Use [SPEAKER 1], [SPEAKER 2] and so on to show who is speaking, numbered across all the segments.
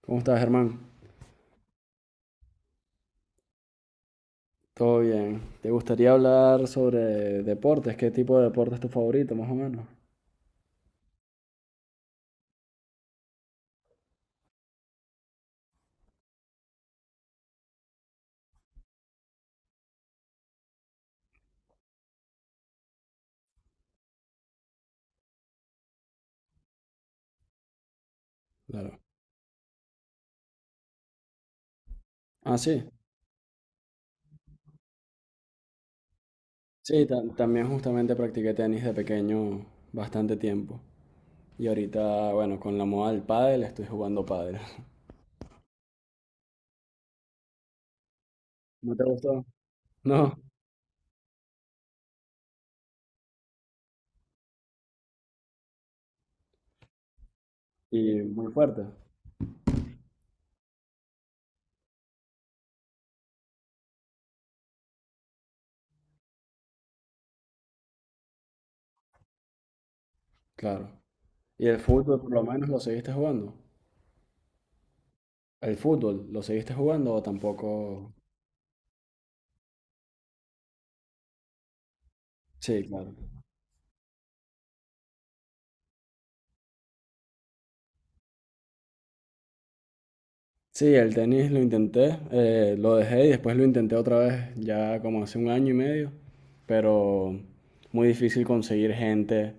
[SPEAKER 1] ¿Cómo estás, Germán? Todo bien. ¿Te gustaría hablar sobre deportes? ¿Qué tipo de deporte es tu favorito, más o menos? Claro. Ah, sí. Sí, también justamente practiqué tenis de pequeño bastante tiempo. Y ahorita, bueno, con la moda del pádel estoy jugando pádel. ¿No te gustó? No. Y muy fuerte. Claro. ¿Y el fútbol por lo menos lo seguiste jugando? ¿El fútbol lo seguiste jugando o tampoco? Sí, claro. Sí, el tenis lo intenté, lo dejé y después lo intenté otra vez, ya como hace un año y medio, pero muy difícil conseguir gente,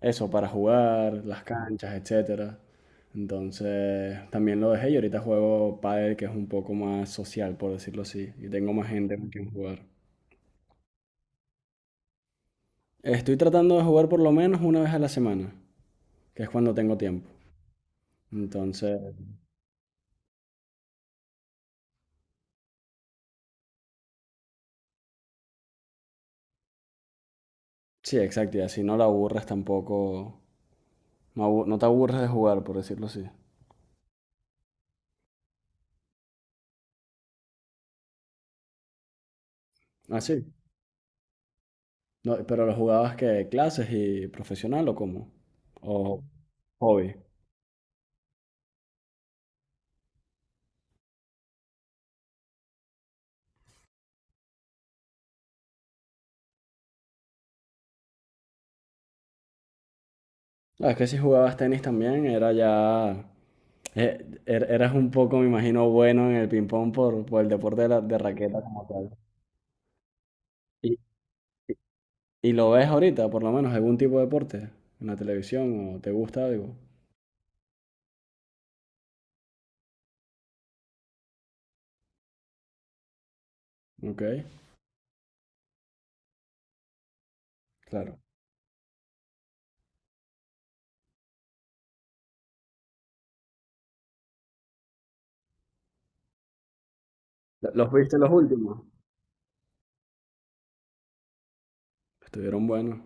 [SPEAKER 1] eso, para jugar, las canchas, etcétera. Entonces, también lo dejé y ahorita juego pádel, que es un poco más social, por decirlo así, y tengo más gente con quien jugar. Estoy tratando de jugar por lo menos una vez a la semana, que es cuando tengo tiempo. Entonces, sí, exacto, y así no la aburres tampoco, no, no te aburres de jugar, por decirlo así. ¿Ah, sí? No, pero ¿lo jugabas que clases y profesional o cómo? ¿O hobby? No, es que si jugabas tenis también era ya eh, eras un poco, me imagino, bueno en el ping pong por el deporte de, de raqueta como tal. ¿Y, y- y lo ves ahorita, por lo menos, algún tipo de deporte en la televisión o te gusta algo? Ok, claro. Los viste los últimos? Estuvieron buenos.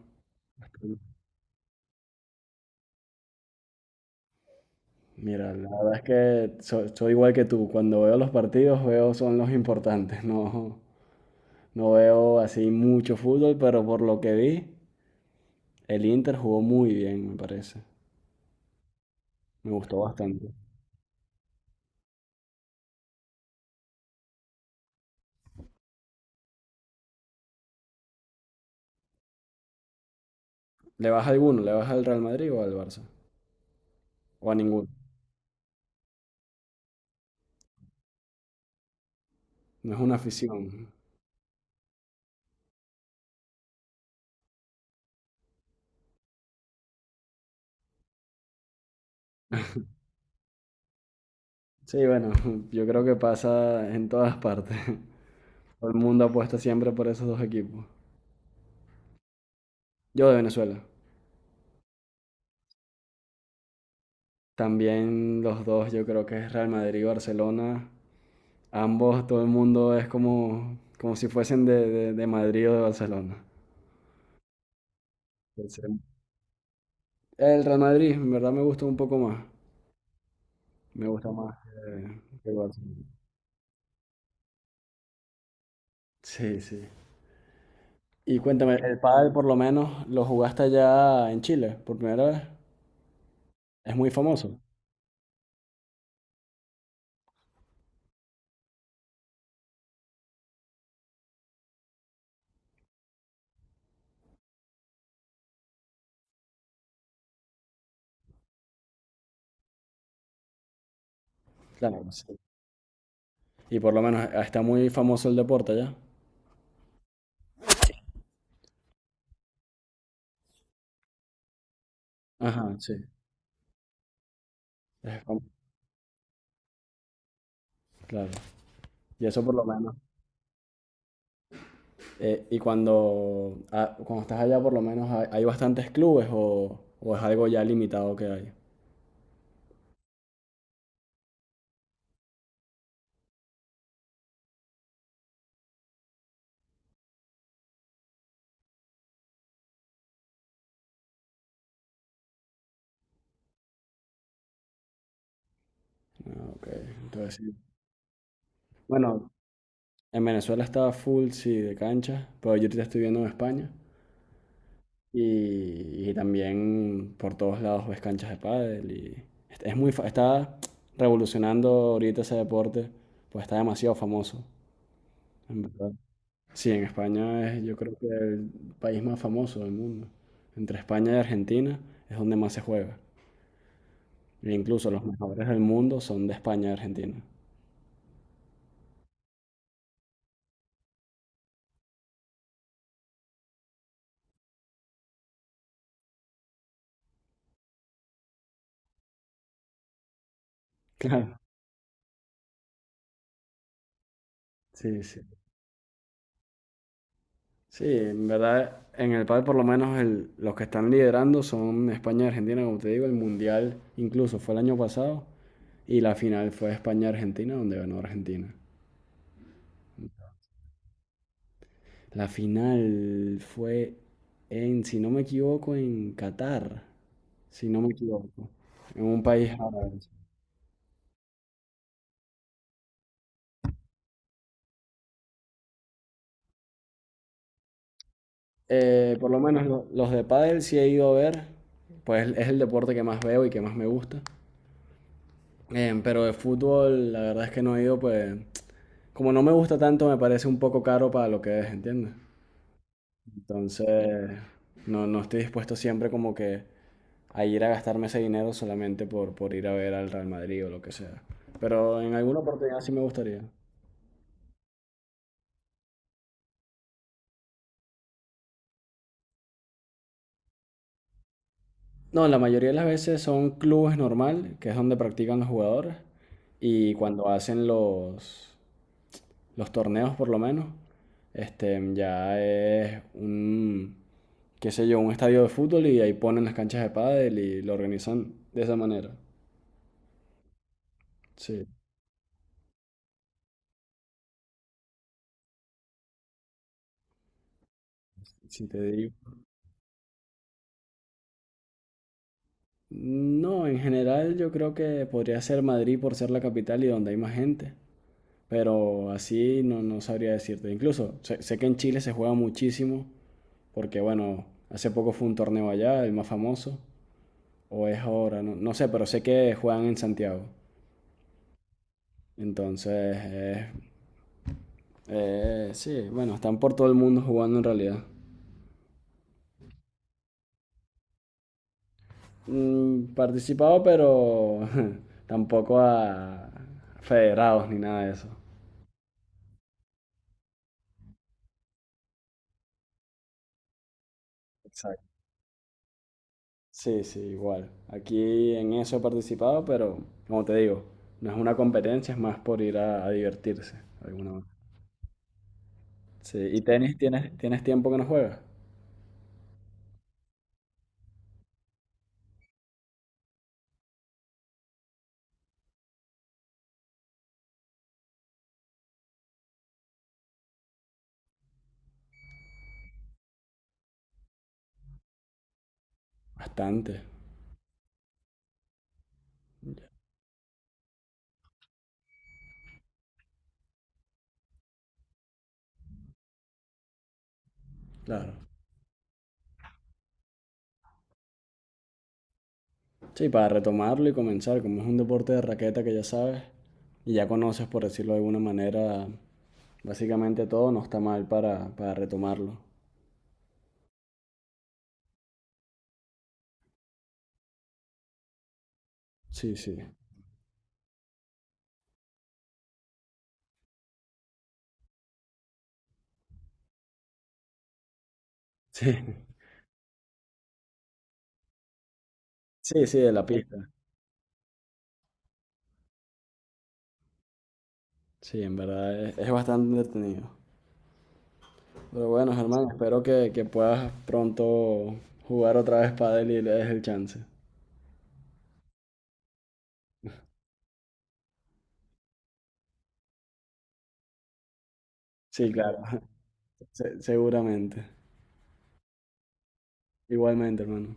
[SPEAKER 1] Mira, la verdad es que soy igual que tú. Cuando veo los partidos, veo son los importantes. No, no veo así mucho fútbol, pero por lo que vi, el Inter jugó muy bien, me parece. Me gustó bastante. ¿Le vas a alguno? ¿Le vas al Real Madrid o al Barça? ¿O a ninguno? No es una afición. Sí, bueno, yo creo que pasa en todas partes. Todo el mundo apuesta siempre por esos dos equipos. Yo de Venezuela. También los dos, yo creo que es Real Madrid y Barcelona. Ambos, todo el mundo es como, como si fuesen de Madrid o de Barcelona. Entonces, el Real Madrid, en verdad me gusta un poco más. Me gusta más que el Barcelona. Sí, sí. Y cuéntame, el pádel por lo menos lo jugaste allá en Chile por primera vez. Es muy famoso. Claro, sí. Y por lo menos ah, está muy famoso el deporte allá. Ajá, sí. Es fam- Claro. Y eso por lo menos. Y cuando, ah, cuando estás allá por lo menos hay, hay bastantes clubes o es algo ya limitado que hay. Ah, ok. Entonces sí. Bueno, en Venezuela estaba full, sí, de cancha, pero yo te estoy viendo en España. Y también por todos lados ves canchas de pádel y es muy, está revolucionando ahorita ese deporte, pues está demasiado famoso, en verdad. Sí, en España es yo creo que el país más famoso del mundo. Entre España y Argentina es donde más se juega. E incluso los mejores del mundo son de España y Argentina. Claro, sí, sí. Sí, en verdad, en el pádel por lo menos los que están liderando son España y Argentina, como te digo, el mundial incluso fue el año pasado. Y la final fue España-Argentina, donde ganó Argentina. La final fue en, si no me equivoco, en Qatar, si no me equivoco, en un país árabe. Por lo menos los de pádel sí he ido a ver, pues es el deporte que más veo y que más me gusta. Pero de fútbol, la verdad es que no he ido, pues como no me gusta tanto, me parece un poco caro para lo que es, ¿entiendes? Entonces, no, no estoy dispuesto siempre como que a ir a gastarme ese dinero solamente por ir a ver al Real Madrid o lo que sea. Pero en alguna oportunidad sí me gustaría. No, la mayoría de las veces son clubes normal, que es donde practican los jugadores, y cuando hacen los torneos por lo menos, este, ya es un, qué sé yo, un estadio de fútbol y ahí ponen las canchas de pádel y lo organizan de esa manera. Sí, si te digo. No, en general yo creo que podría ser Madrid por ser la capital y donde hay más gente. Pero así no, no sabría decirte. Incluso sé, sé que en Chile se juega muchísimo, porque bueno, hace poco fue un torneo allá, el más famoso, o es ahora, no, no sé, pero sé que juegan en Santiago. Entonces, sí, bueno, están por todo el mundo jugando en realidad. Mm, participado, pero tampoco a federados ni nada de eso. Sí, sí, igual. Aquí en eso he participado, pero como te digo, no es una competencia, es más por ir a divertirse de alguna manera. Sí, ¿y tenis tienes, tienes tiempo que no juegas? Bastante, claro. Sí, para retomarlo y comenzar, como es un deporte de raqueta que ya sabes y ya conoces, por decirlo de alguna manera, básicamente todo, no está mal para retomarlo. Sí, sí. Sí, sí, sí, de la pista. Sí, en verdad es bastante entretenido. Pero bueno, Germán, espero que puedas pronto jugar otra vez pádel y le des el chance. Sí, claro, seguramente. Igualmente, hermano.